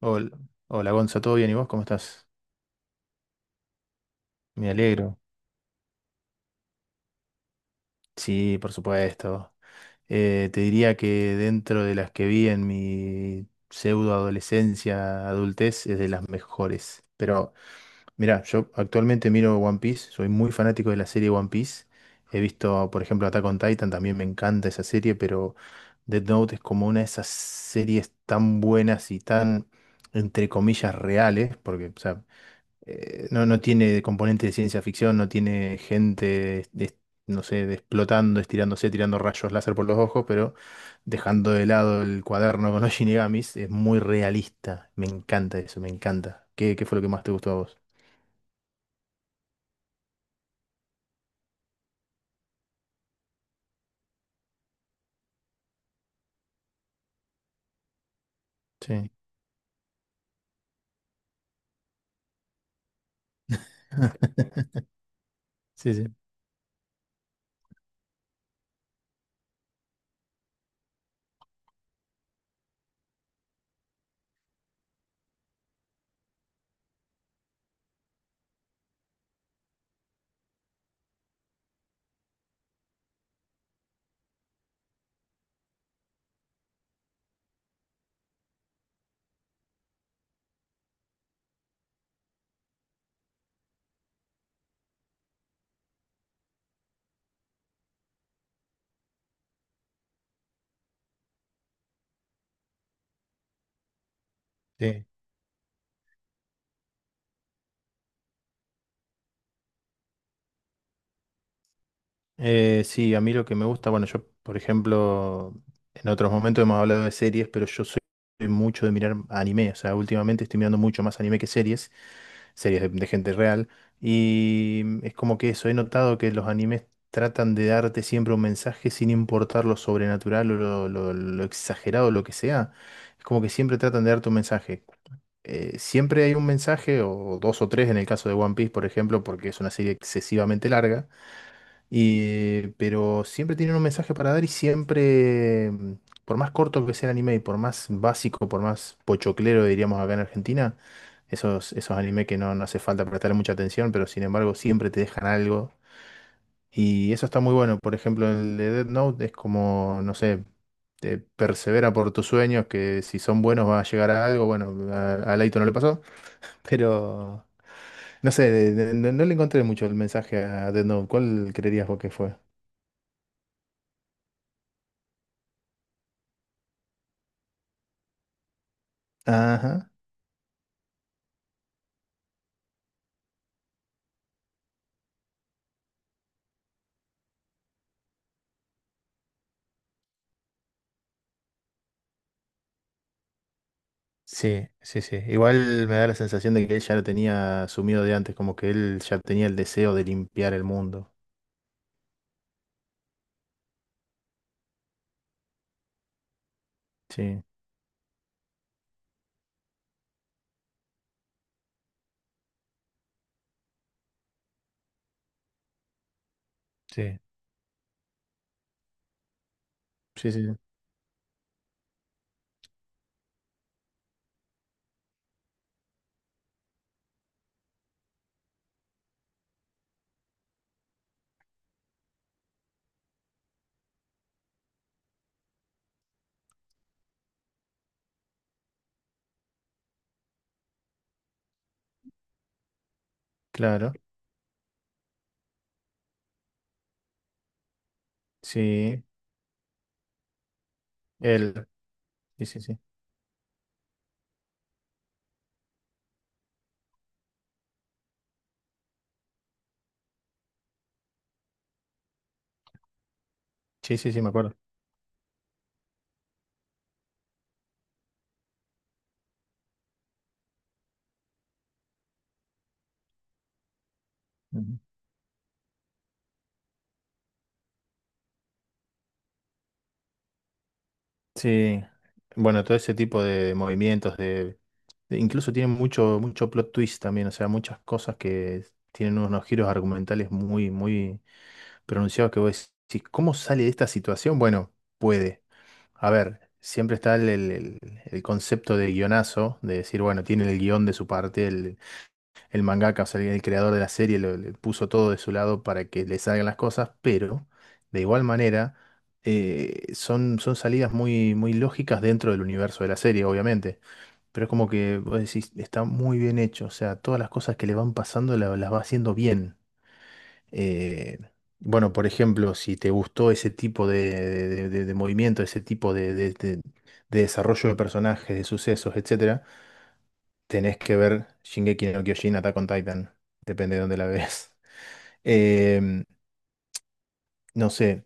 Hola, hola Gonza, ¿todo bien? ¿Y vos cómo estás? Me alegro. Sí, por supuesto. Te diría que dentro de las que vi en mi pseudo adolescencia, adultez, es de las mejores. Pero mira, yo actualmente miro One Piece, soy muy fanático de la serie One Piece. He visto, por ejemplo, Attack on Titan, también me encanta esa serie, pero Death Note es como una de esas series tan buenas y tan, entre comillas, reales, porque, o sea, no, no tiene componente de ciencia ficción, no tiene gente, no sé, explotando, estirándose, tirando rayos láser por los ojos, pero dejando de lado el cuaderno con los Shinigamis, es muy realista. Me encanta eso, me encanta. ¿Qué, qué fue lo que más te gustó a vos? Sí. Sí, sí. Sí. Sí, a mí lo que me gusta, bueno, yo, por ejemplo, en otros momentos hemos hablado de series, pero yo soy mucho de mirar anime, o sea, últimamente estoy mirando mucho más anime que series, series de gente real, y es como que eso, he notado que los animes tratan de darte siempre un mensaje sin importar lo sobrenatural o lo exagerado, lo que sea, es como que siempre tratan de darte un mensaje. Siempre hay un mensaje, o dos o tres en el caso de One Piece, por ejemplo, porque es una serie excesivamente larga pero siempre tienen un mensaje para dar y siempre, por más corto que sea el anime y por más básico, por más pochoclero, diríamos acá en Argentina, esos, esos anime que no, no hace falta prestar mucha atención, pero sin embargo siempre te dejan algo. Y eso está muy bueno. Por ejemplo, el de Death Note es como, no sé, te persevera por tus sueños, que si son buenos va a llegar a algo. Bueno, a Leito no le pasó, pero no sé, no, no le encontré mucho el mensaje a Death Note. ¿Cuál creerías vos que fue? Ajá. Sí, sí, sí. Igual me da la sensación de que él ya lo tenía asumido de antes, como que él ya tenía el deseo de limpiar el mundo. Sí, sí, sí, sí, claro. Sí, él. Sí, sí, sí. Sí, sí, sí, me acuerdo. Ujú. Sí. Bueno, todo ese tipo de movimientos, incluso tienen mucho, mucho plot twist también, o sea, muchas cosas que tienen unos giros argumentales muy, muy pronunciados que vos decís, ¿cómo sale de esta situación? Bueno, puede. A ver, siempre está el concepto de guionazo, de decir, bueno, tiene el guión de su parte, el mangaka, o sea, el creador de la serie le puso todo de su lado para que le salgan las cosas, pero de igual manera son, son salidas muy, muy lógicas dentro del universo de la serie, obviamente. Pero es como que vos decís, está muy bien hecho, o sea, todas las cosas que le van pasando las va haciendo bien. Eh, bueno, por ejemplo, si te gustó ese tipo de, de movimiento, ese tipo de, de desarrollo de personajes, de sucesos, etcétera, tenés que ver Shingeki no Kyojin, Attack on Titan, depende de dónde la ves. Em, no sé,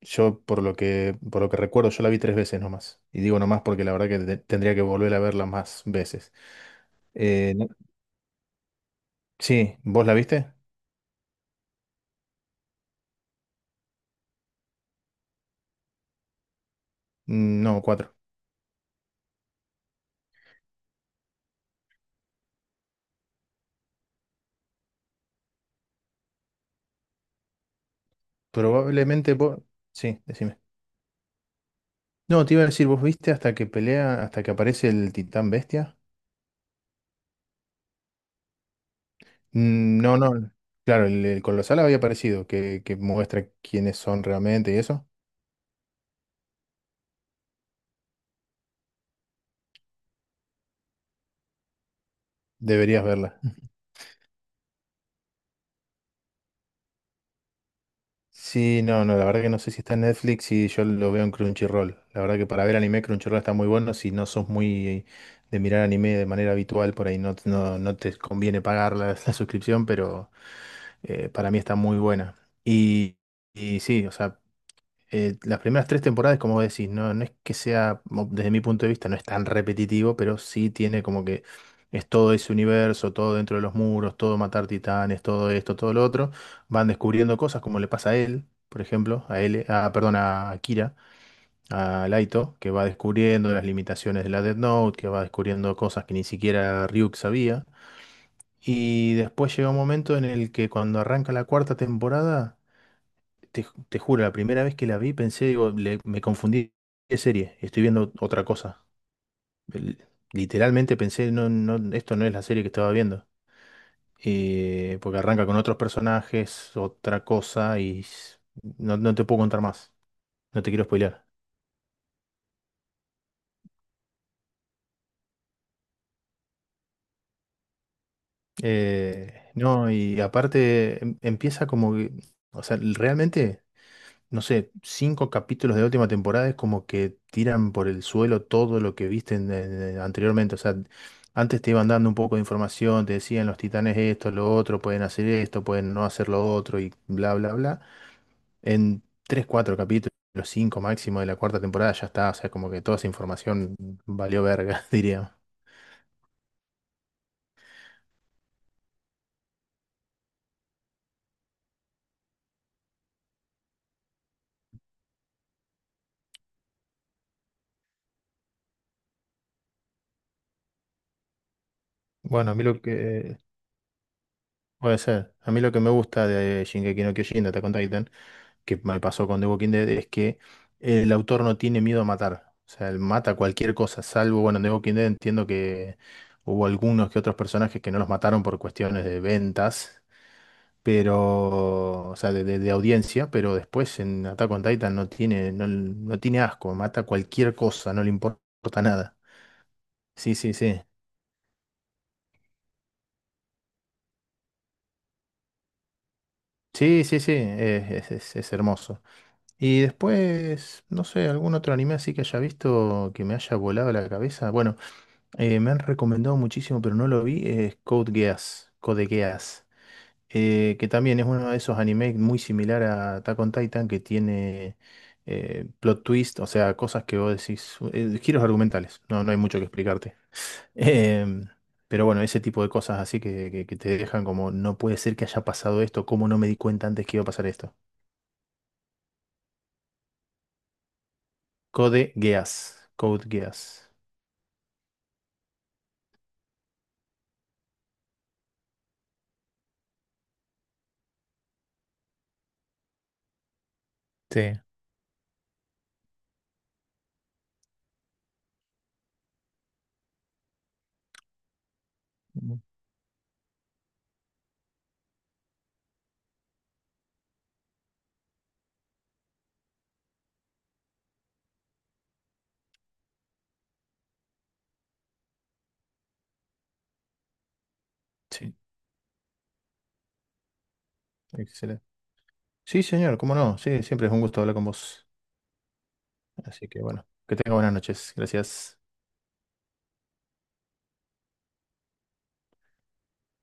yo por lo que recuerdo, yo la vi tres veces nomás. Y digo nomás porque la verdad que tendría que volver a verla más veces. Eh, no- sí, ¿vos la viste? No, cuatro. Probablemente vos... Sí, decime. No, te iba a decir, ¿vos viste hasta que pelea, hasta que aparece el titán bestia? No, no, claro, el colosal había aparecido, que muestra quiénes son realmente y eso. Deberías verla. Sí, no, no, la verdad que no sé si está en Netflix y yo lo veo en Crunchyroll. La verdad que para ver anime Crunchyroll está muy bueno, si no sos muy de mirar anime de manera habitual, por ahí no, no, no te conviene pagar la, la suscripción, pero para mí está muy buena. Y, y sí, o sea... las primeras tres temporadas, como decís, no, no es que sea, desde mi punto de vista, no es tan repetitivo, pero sí tiene como que es todo ese universo, todo dentro de los muros, todo matar titanes, todo esto, todo lo otro. Van descubriendo cosas como le pasa a él, por ejemplo, a él, a, perdón, a Kira, a Laito, que va descubriendo las limitaciones de la Death Note, que va descubriendo cosas que ni siquiera Ryuk sabía. Y después llega un momento en el que cuando arranca la cuarta temporada. Te, te juro, la primera vez que la vi pensé, digo, me confundí de serie, estoy viendo otra cosa. El- literalmente pensé, no, no, esto no es la serie que estaba viendo. Porque arranca con otros personajes, otra cosa, y no, no te puedo contar más, no te quiero spoilear. No, y aparte empieza como que, o sea, realmente... no sé, cinco capítulos de la última temporada es como que tiran por el suelo todo lo que viste anteriormente. O sea, antes te iban dando un poco de información, te decían los titanes esto, lo otro, pueden hacer esto, pueden no hacer lo otro y bla, bla, bla. En tres, cuatro capítulos, cinco máximo de la cuarta temporada ya está. O sea, como que toda esa información valió verga, diría. Bueno, a mí lo que... Puede ser. A mí lo que me gusta de Shingeki no Kyojin, de Attack on Titan, que me pasó con The Walking Dead es que el autor no tiene miedo a matar. O sea, él mata cualquier cosa, salvo, bueno, en The Walking Dead entiendo que hubo algunos que otros personajes que no los mataron por cuestiones de ventas, pero, o sea, de, de audiencia, pero después en Attack on Titan no tiene, no, no tiene asco, mata cualquier cosa, no le importa nada. Sí, sí, sí. Sí, sí, sí, es, es hermoso. Y después, no sé, algún otro anime así que haya visto que me haya volado la cabeza. Bueno, me han recomendado muchísimo, pero no lo vi, es Code Geass, Code Geass, que también es uno de esos animes muy similar a Attack on Titan, que tiene plot twist, o sea, cosas que vos decís, giros argumentales, no, no hay mucho que explicarte. Em, pero bueno, ese tipo de cosas así que, que te dejan como, no puede ser que haya pasado esto, ¿cómo no me di cuenta antes que iba a pasar esto? Code Geass, Code Geass. Sí. Mm, sí, excelente. Sí, señor, cómo no, sí, siempre es un gusto hablar con vos. Así que bueno, que tenga buenas noches. Gracias.